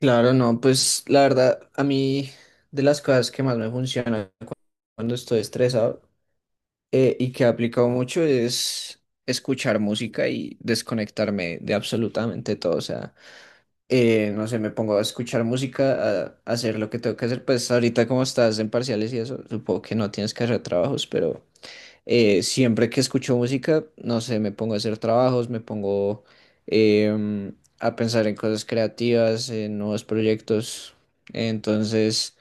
Claro, no, pues la verdad, a mí de las cosas que más me funcionan cuando estoy estresado, y que he aplicado mucho es escuchar música y desconectarme de absolutamente todo. O sea, no sé, me pongo a escuchar música, a hacer lo que tengo que hacer. Pues ahorita como estás en parciales y eso, supongo que no tienes que hacer trabajos, pero siempre que escucho música, no sé, me pongo a hacer trabajos, me pongo a pensar en cosas creativas, en nuevos proyectos. Entonces,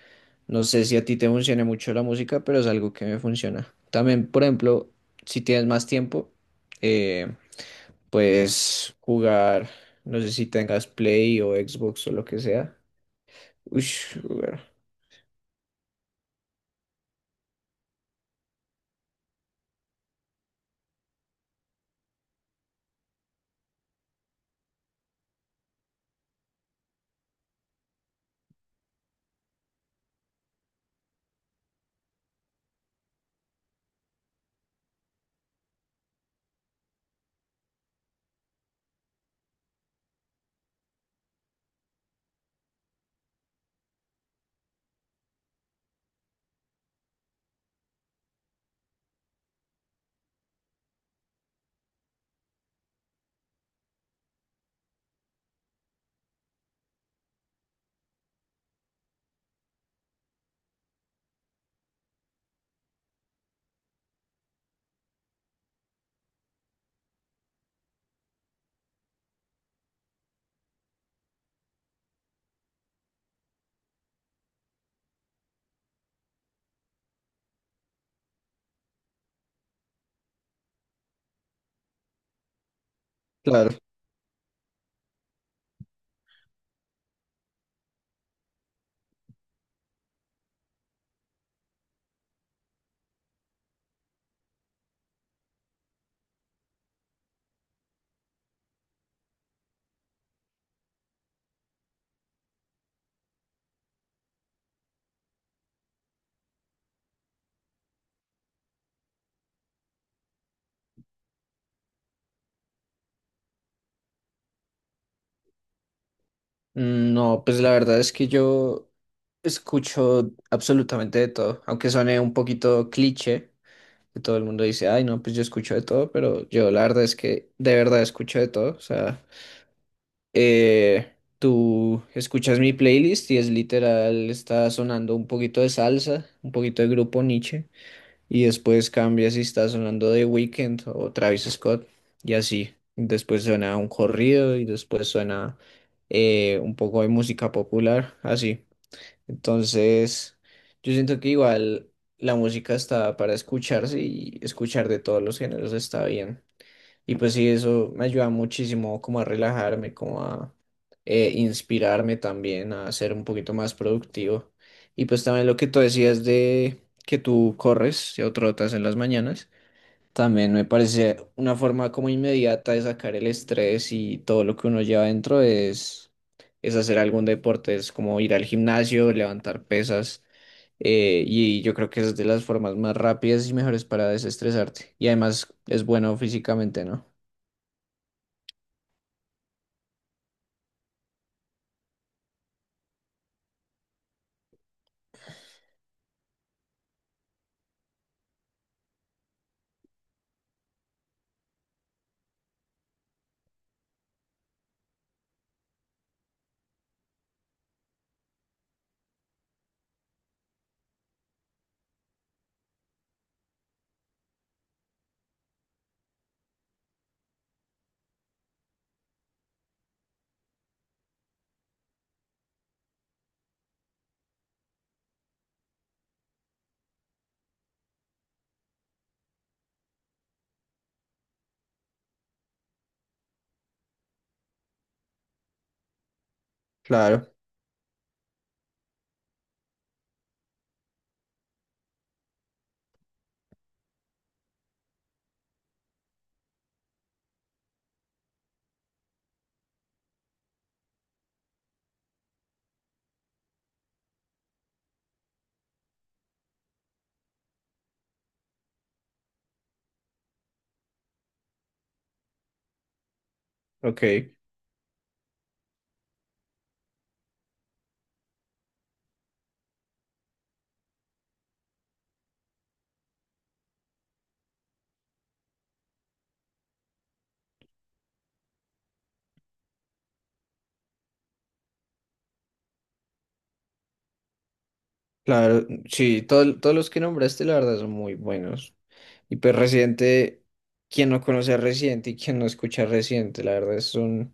no sé si a ti te funciona mucho la música, pero es algo que me funciona. También, por ejemplo, si tienes más tiempo, eh, puedes jugar, no sé si tengas Play o Xbox o lo que sea. Ush, jugar. Claro. No, pues la verdad es que yo escucho absolutamente de todo, aunque suene un poquito cliché, que todo el mundo dice, ay, no, pues yo escucho de todo, pero yo la verdad es que de verdad escucho de todo, o sea, tú escuchas mi playlist y es literal, está sonando un poquito de salsa, un poquito de grupo Niche y después cambia si está sonando The Weeknd o Travis Scott. Y así. Después suena un corrido y después suena un poco de música popular. Así. Entonces, yo siento que igual la música está para escucharse y escuchar de todos los géneros está bien. Y pues sí, eso me ayuda muchísimo como a relajarme, como a inspirarme también a ser un poquito más productivo. Y pues también lo que tú decías de que tú corres o trotas en las mañanas, también me parece una forma como inmediata de sacar el estrés y todo lo que uno lleva dentro es hacer algún deporte, es como ir al gimnasio, levantar pesas. Y yo creo que es de las formas más rápidas y mejores para desestresarte. Y además es bueno físicamente, ¿no? Claro, ok, claro, sí, todos los que nombraste, la verdad, son muy buenos. Y pues Residente, quien no conoce a Residente y quien no escucha a Residente, la verdad es un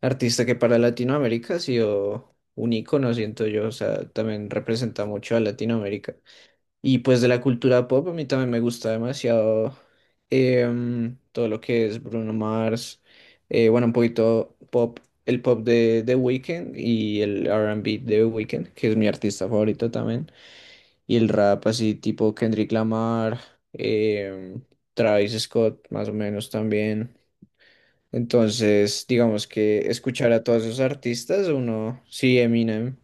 artista que para Latinoamérica ha sido un ícono, siento yo, o sea, también representa mucho a Latinoamérica. Y pues de la cultura pop, a mí también me gusta demasiado todo lo que es Bruno Mars, bueno, un poquito pop, el pop de The Weeknd y el R and B de The Weeknd, que es mi artista favorito también, y el rap así tipo Kendrick Lamar, em, Travis Scott más o menos también. Entonces, digamos que escuchar a todos esos artistas, uno, sí, Eminem,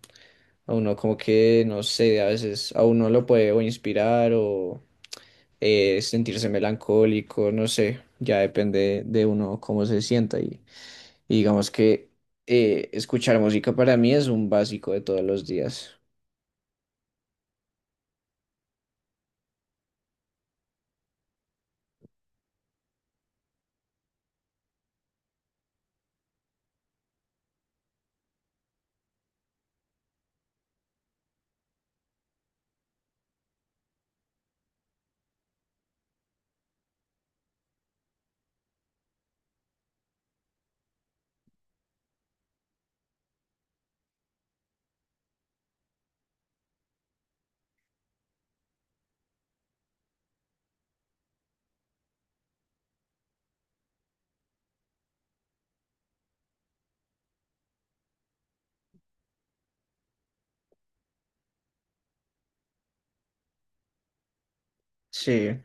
a uno como que, no sé, a veces a uno lo puede o inspirar o sentirse melancólico, no sé, ya depende de uno cómo se sienta y digamos que escuchar música para mí es un básico de todos los días. Sí,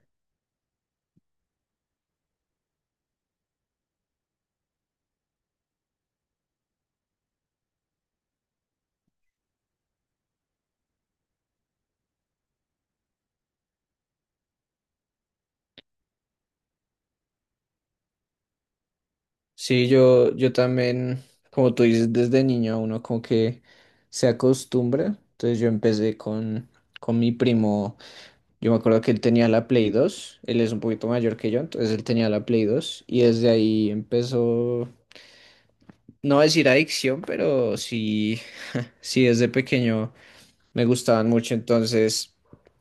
sí, yo también, como tú dices, desde niño uno como que se acostumbra, entonces yo empecé con mi primo, yo me acuerdo que él tenía la Play 2, él es un poquito mayor que yo, entonces él tenía la Play 2 y desde ahí empezó, no voy a decir adicción, pero sí. Sí, desde pequeño me gustaban mucho, entonces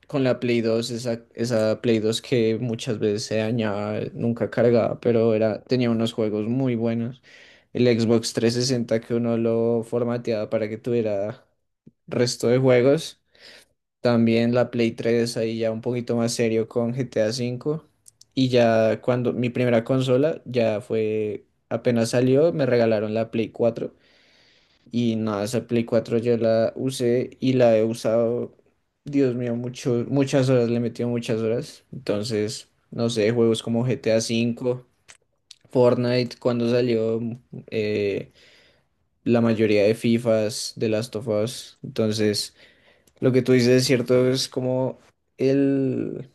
con la Play 2, esa, esa Play 2 que muchas veces se dañaba, nunca cargaba, pero era, tenía unos juegos muy buenos. El Xbox 360 que uno lo formateaba para que tuviera resto de juegos. También la Play 3 ahí ya un poquito más serio con GTA V. Y ya cuando mi primera consola ya fue, apenas salió, me regalaron la Play 4. Y nada, esa Play 4 yo la usé y la he usado, Dios mío, mucho, muchas horas, le he metido muchas horas. Entonces, no sé, juegos como GTA 5, Fortnite, cuando salió eh, la mayoría de FIFAs, de Last of Us. Entonces, lo que tú dices es cierto, es como el,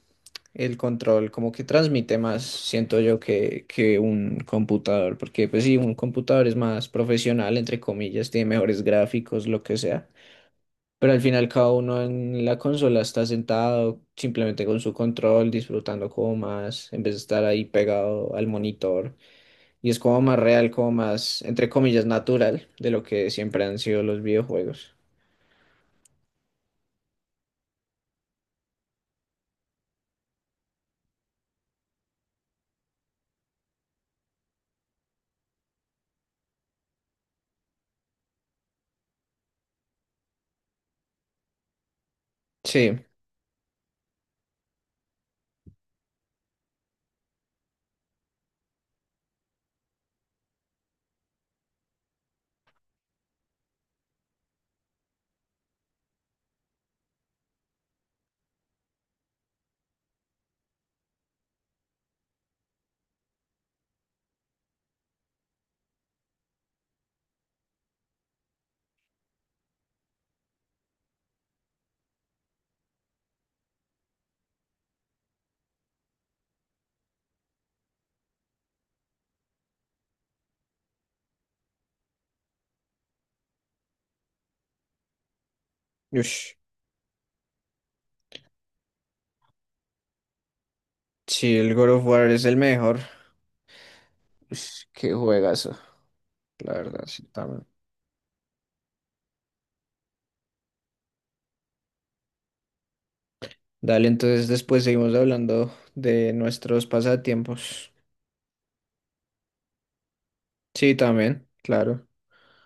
el control, como que transmite más, siento yo, que un computador. Porque, pues sí, un computador es más profesional, entre comillas, tiene mejores gráficos, lo que sea, pero al final cada uno en la consola está sentado simplemente con su control, disfrutando como más, en vez de estar ahí pegado al monitor. Y es como más real, como más, entre comillas, natural de lo que siempre han sido los videojuegos. Sí, ush, sí, el God of War es el mejor. Ush, qué juegazo, la verdad, sí, también. Dale, entonces después seguimos hablando de nuestros pasatiempos. Sí, también, claro.